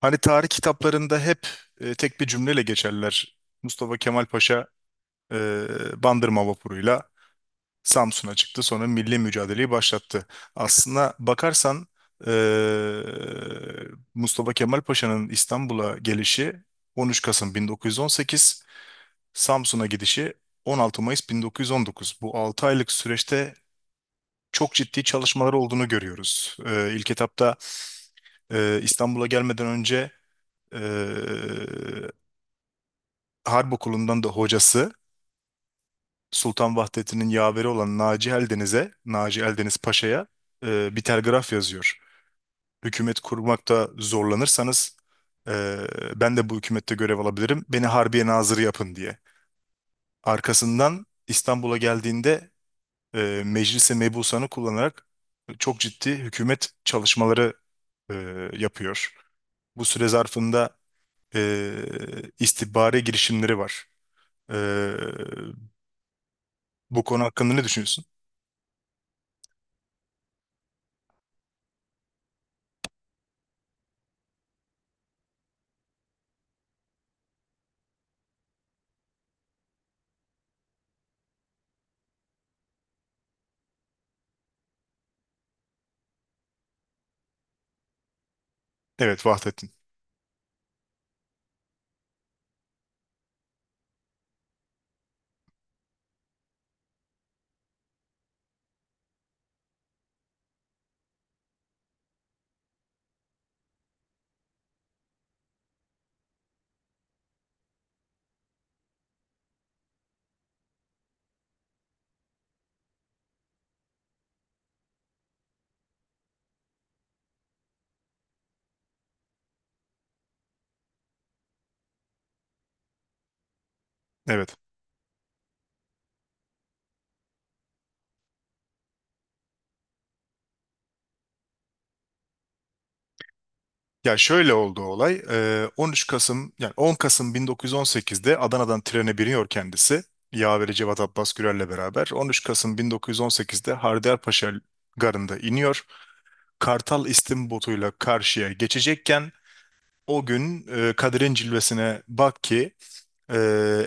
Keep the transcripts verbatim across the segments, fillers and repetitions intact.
Hani tarih kitaplarında hep e, tek bir cümleyle geçerler. Mustafa Kemal Paşa e, Bandırma vapuruyla Samsun'a çıktı, sonra milli mücadeleyi başlattı. Aslına bakarsan e, Mustafa Kemal Paşa'nın İstanbul'a gelişi on üç Kasım bin dokuz yüz on sekiz, Samsun'a gidişi on altı Mayıs bin dokuz yüz on dokuz. Bu altı aylık süreçte çok ciddi çalışmalar olduğunu görüyoruz. E, İlk etapta e, İstanbul'a gelmeden önce e, Harp Okulu'ndan da hocası Sultan Vahdettin'in yaveri olan Naci Eldeniz'e, Naci Eldeniz Paşa'ya e, bir telgraf yazıyor. Hükümet kurmakta zorlanırsanız e, ben de bu hükümette görev alabilirim. Beni Harbiye Nazırı yapın diye. Arkasından İstanbul'a geldiğinde e, Meclis-i Mebusan'ı kullanarak çok ciddi hükümet çalışmaları e, yapıyor. Bu süre zarfında e, istihbari girişimleri var. E, bu konu hakkında ne düşünüyorsun? Evet, Vahdettin. Evet. Ya şöyle oldu olay. Ee, on üç Kasım yani on Kasım bin dokuz yüz on sekizde Adana'dan trene biniyor kendisi. Yaveri Cevat Abbas Gürel'le beraber. on üç Kasım bin dokuz yüz on sekizde Haydarpaşa garında iniyor. Kartal istim botuyla karşıya geçecekken o gün e, Kadir'in cilvesine bak ki e,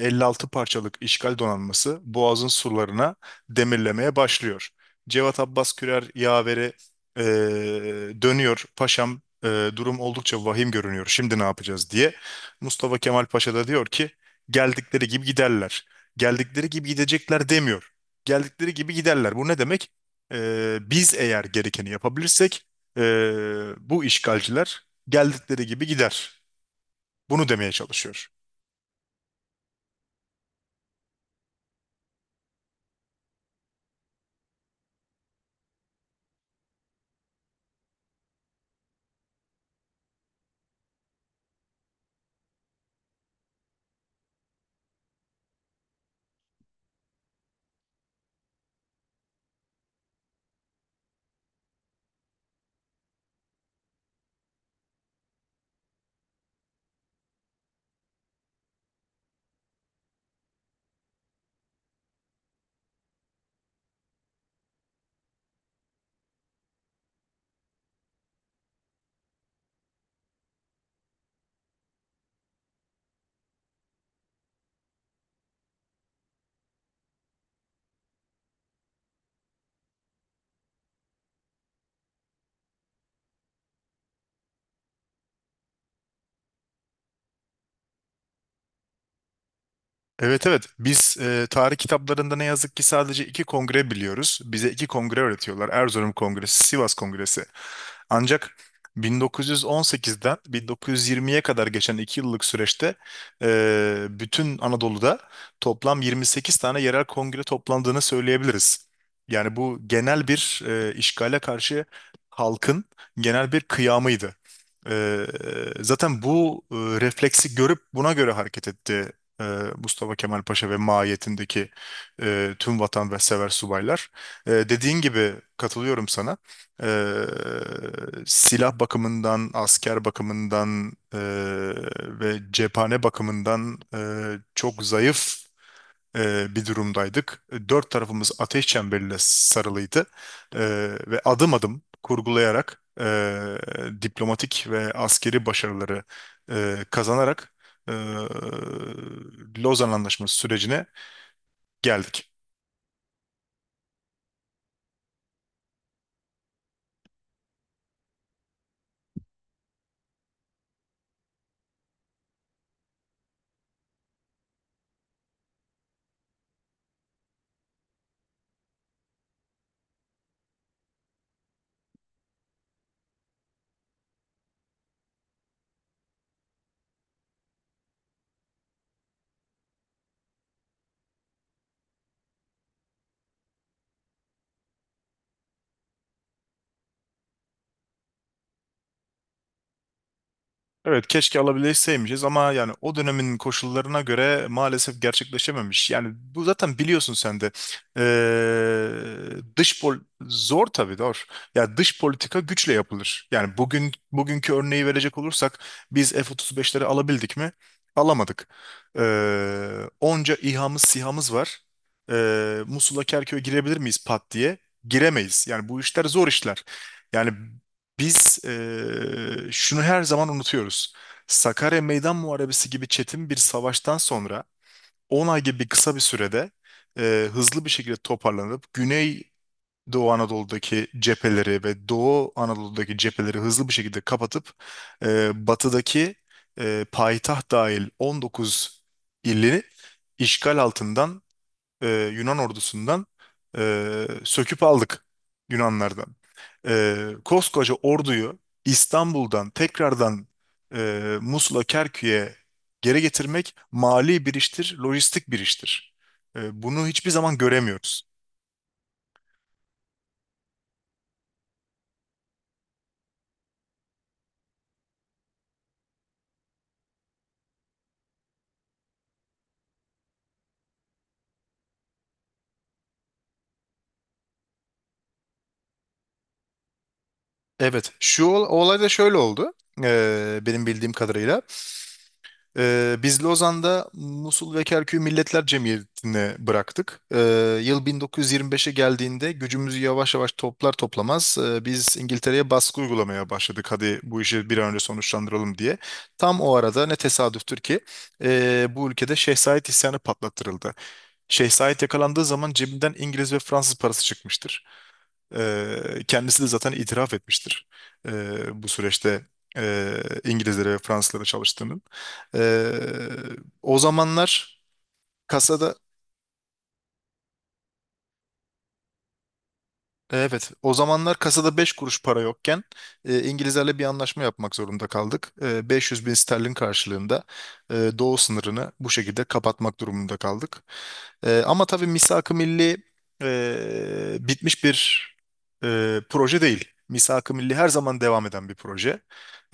elli altı parçalık işgal donanması Boğaz'ın surlarına demirlemeye başlıyor. Cevat Abbas Kürer yaveri e, dönüyor. Paşam, e, durum oldukça vahim görünüyor. Şimdi ne yapacağız diye. Mustafa Kemal Paşa da diyor ki geldikleri gibi giderler. Geldikleri gibi gidecekler demiyor. Geldikleri gibi giderler. Bu ne demek? E, biz eğer gerekeni yapabilirsek e, bu işgalciler geldikleri gibi gider. Bunu demeye çalışıyor. Evet, evet, biz e, tarih kitaplarında ne yazık ki sadece iki kongre biliyoruz. Bize iki kongre öğretiyorlar. Erzurum Kongresi, Sivas Kongresi. Ancak bin dokuz yüz on sekizden bin dokuz yüz yirmiye kadar geçen iki yıllık süreçte e, bütün Anadolu'da toplam yirmi sekiz tane yerel kongre toplandığını söyleyebiliriz. Yani bu genel bir, e, işgale karşı halkın genel bir kıyamıydı. E, zaten bu e, refleksi görüp buna göre hareket etti e, Mustafa Kemal Paşa ve maiyetindeki e, tüm vatansever subaylar. E, dediğin gibi katılıyorum sana. E, silah bakımından, asker bakımından, e, ve cephane bakımından e, çok zayıf e, bir durumdaydık. E, Dört tarafımız ateş çemberiyle sarılıydı E, ve adım adım kurgulayarak e, diplomatik ve askeri başarıları e, kazanarak e, Lozan Anlaşması sürecine geldik. Evet, keşke alabilseymişiz ama yani o dönemin koşullarına göre maalesef gerçekleşememiş. Yani bu zaten biliyorsun sen de. Ee, dış pol zor tabii zor. Ya dış politika güçle yapılır. Yani bugün bugünkü örneği verecek olursak biz F otuz beşleri alabildik mi? Alamadık. Ee, onca İHA'mız SİHA'mız var. Ee, Musul'a Kerkük'e girebilir miyiz pat diye? Giremeyiz. Yani bu işler zor işler. Yani biz eee, şunu her zaman unutuyoruz. Sakarya Meydan Muharebesi gibi çetin bir savaştan sonra on ay gibi kısa bir sürede eee, hızlı bir şekilde toparlanıp Güney Doğu Anadolu'daki cepheleri ve Doğu Anadolu'daki cepheleri hızlı bir şekilde kapatıp eee, batıdaki eee, payitaht dahil on dokuz ili işgal altından e, Yunan ordusundan e, söküp aldık Yunanlardan. E, koskoca orduyu İstanbul'dan tekrardan e, Musul'a, Kerkük'e geri getirmek mali bir iştir, lojistik bir iştir. E, bunu hiçbir zaman göremiyoruz. Evet, şu ol- olay da şöyle oldu. Ee, benim bildiğim kadarıyla. Ee, biz Lozan'da Musul ve Kerkük'ü Milletler Cemiyeti'ne bıraktık. Ee, yıl bin dokuz yüz yirmi beşe geldiğinde gücümüzü yavaş yavaş toplar toplamaz e, biz İngiltere'ye baskı uygulamaya başladık. Hadi bu işi bir an önce sonuçlandıralım diye. Tam o arada ne tesadüftür ki e, bu ülkede Şeh Said isyanı patlattırıldı. Şeh Said yakalandığı zaman cebinden İngiliz ve Fransız parası çıkmıştır. Eee, kendisi de zaten itiraf etmiştir, eee, bu süreçte eee İngilizlere ve Fransızlara çalıştığının. Eee, o zamanlar kasada Evet, o zamanlar kasada beş kuruş para yokken e, İngilizlerle bir anlaşma yapmak zorunda kaldık. E, beş yüz bin sterlin karşılığında e, doğu sınırını bu şekilde kapatmak durumunda kaldık. E, ama tabii Misak-ı Milli e, bitmiş bir e, proje değil. Misak-ı Milli her zaman devam eden bir proje.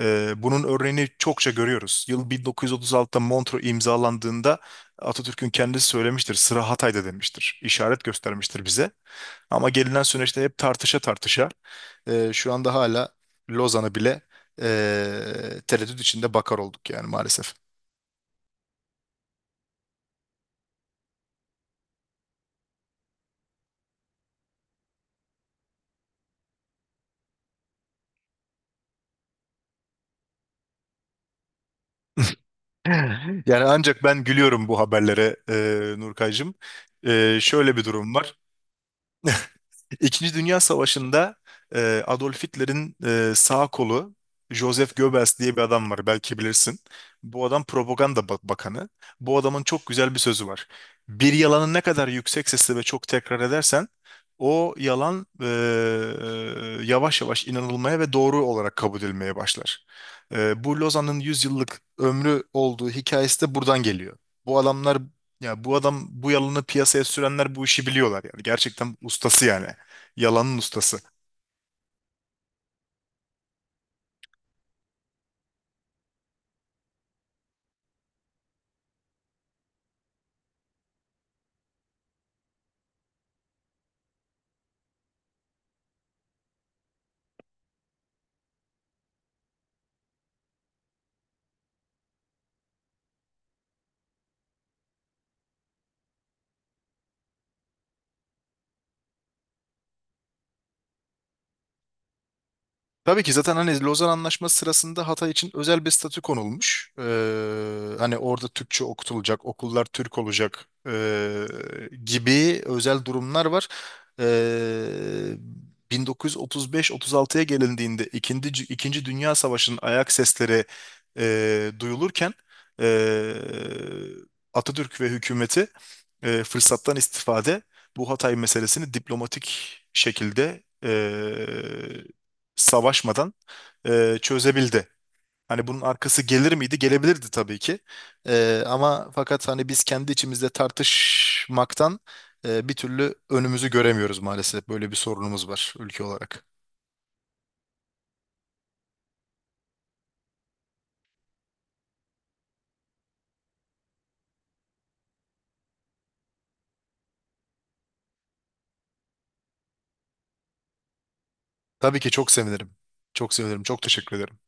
E, bunun örneğini çokça görüyoruz. Yıl bin dokuz yüz otuz altıda Montreux imzalandığında Atatürk'ün kendisi söylemiştir, sıra Hatay'da demiştir, işaret göstermiştir bize. Ama gelinen süreçte hep tartışa tartışa e, şu anda hala Lozan'ı bile e, tereddüt içinde bakar olduk yani maalesef. Yani ancak ben gülüyorum bu haberlere, e, Nurkaycığım. E, şöyle bir durum var. İkinci Dünya Savaşı'nda e, Adolf Hitler'in e, sağ kolu Joseph Goebbels diye bir adam var, belki bilirsin. Bu adam propaganda ba- bakanı. Bu adamın çok güzel bir sözü var. Bir yalanı ne kadar yüksek sesle ve çok tekrar edersen o yalan e, e, yavaş yavaş inanılmaya ve doğru olarak kabul edilmeye başlar. E, bu Lozan'ın yüz yıllık ömrü olduğu hikayesi de buradan geliyor. Bu adamlar ya bu adam, bu yalanı piyasaya sürenler, bu işi biliyorlar yani. Gerçekten ustası yani. Yalanın ustası. Tabii ki zaten hani Lozan Anlaşması sırasında Hatay için özel bir statü konulmuş. Ee, hani orada Türkçe okutulacak, okullar Türk olacak ee, gibi özel durumlar var. Ee, bin dokuz yüz otuz beş otuz altıya gelindiğinde ikinci, Dü- İkinci Dünya Savaşı'nın ayak sesleri ee, duyulurken ee, Atatürk ve hükümeti ee, fırsattan istifade bu Hatay meselesini diplomatik şekilde ee, savaşmadan e, çözebildi. Hani bunun arkası gelir miydi? Gelebilirdi tabii ki. E, ama fakat hani biz kendi içimizde tartışmaktan e, bir türlü önümüzü göremiyoruz maalesef. Böyle bir sorunumuz var ülke olarak. Tabii ki çok sevinirim. Çok sevinirim. Çok teşekkür ederim.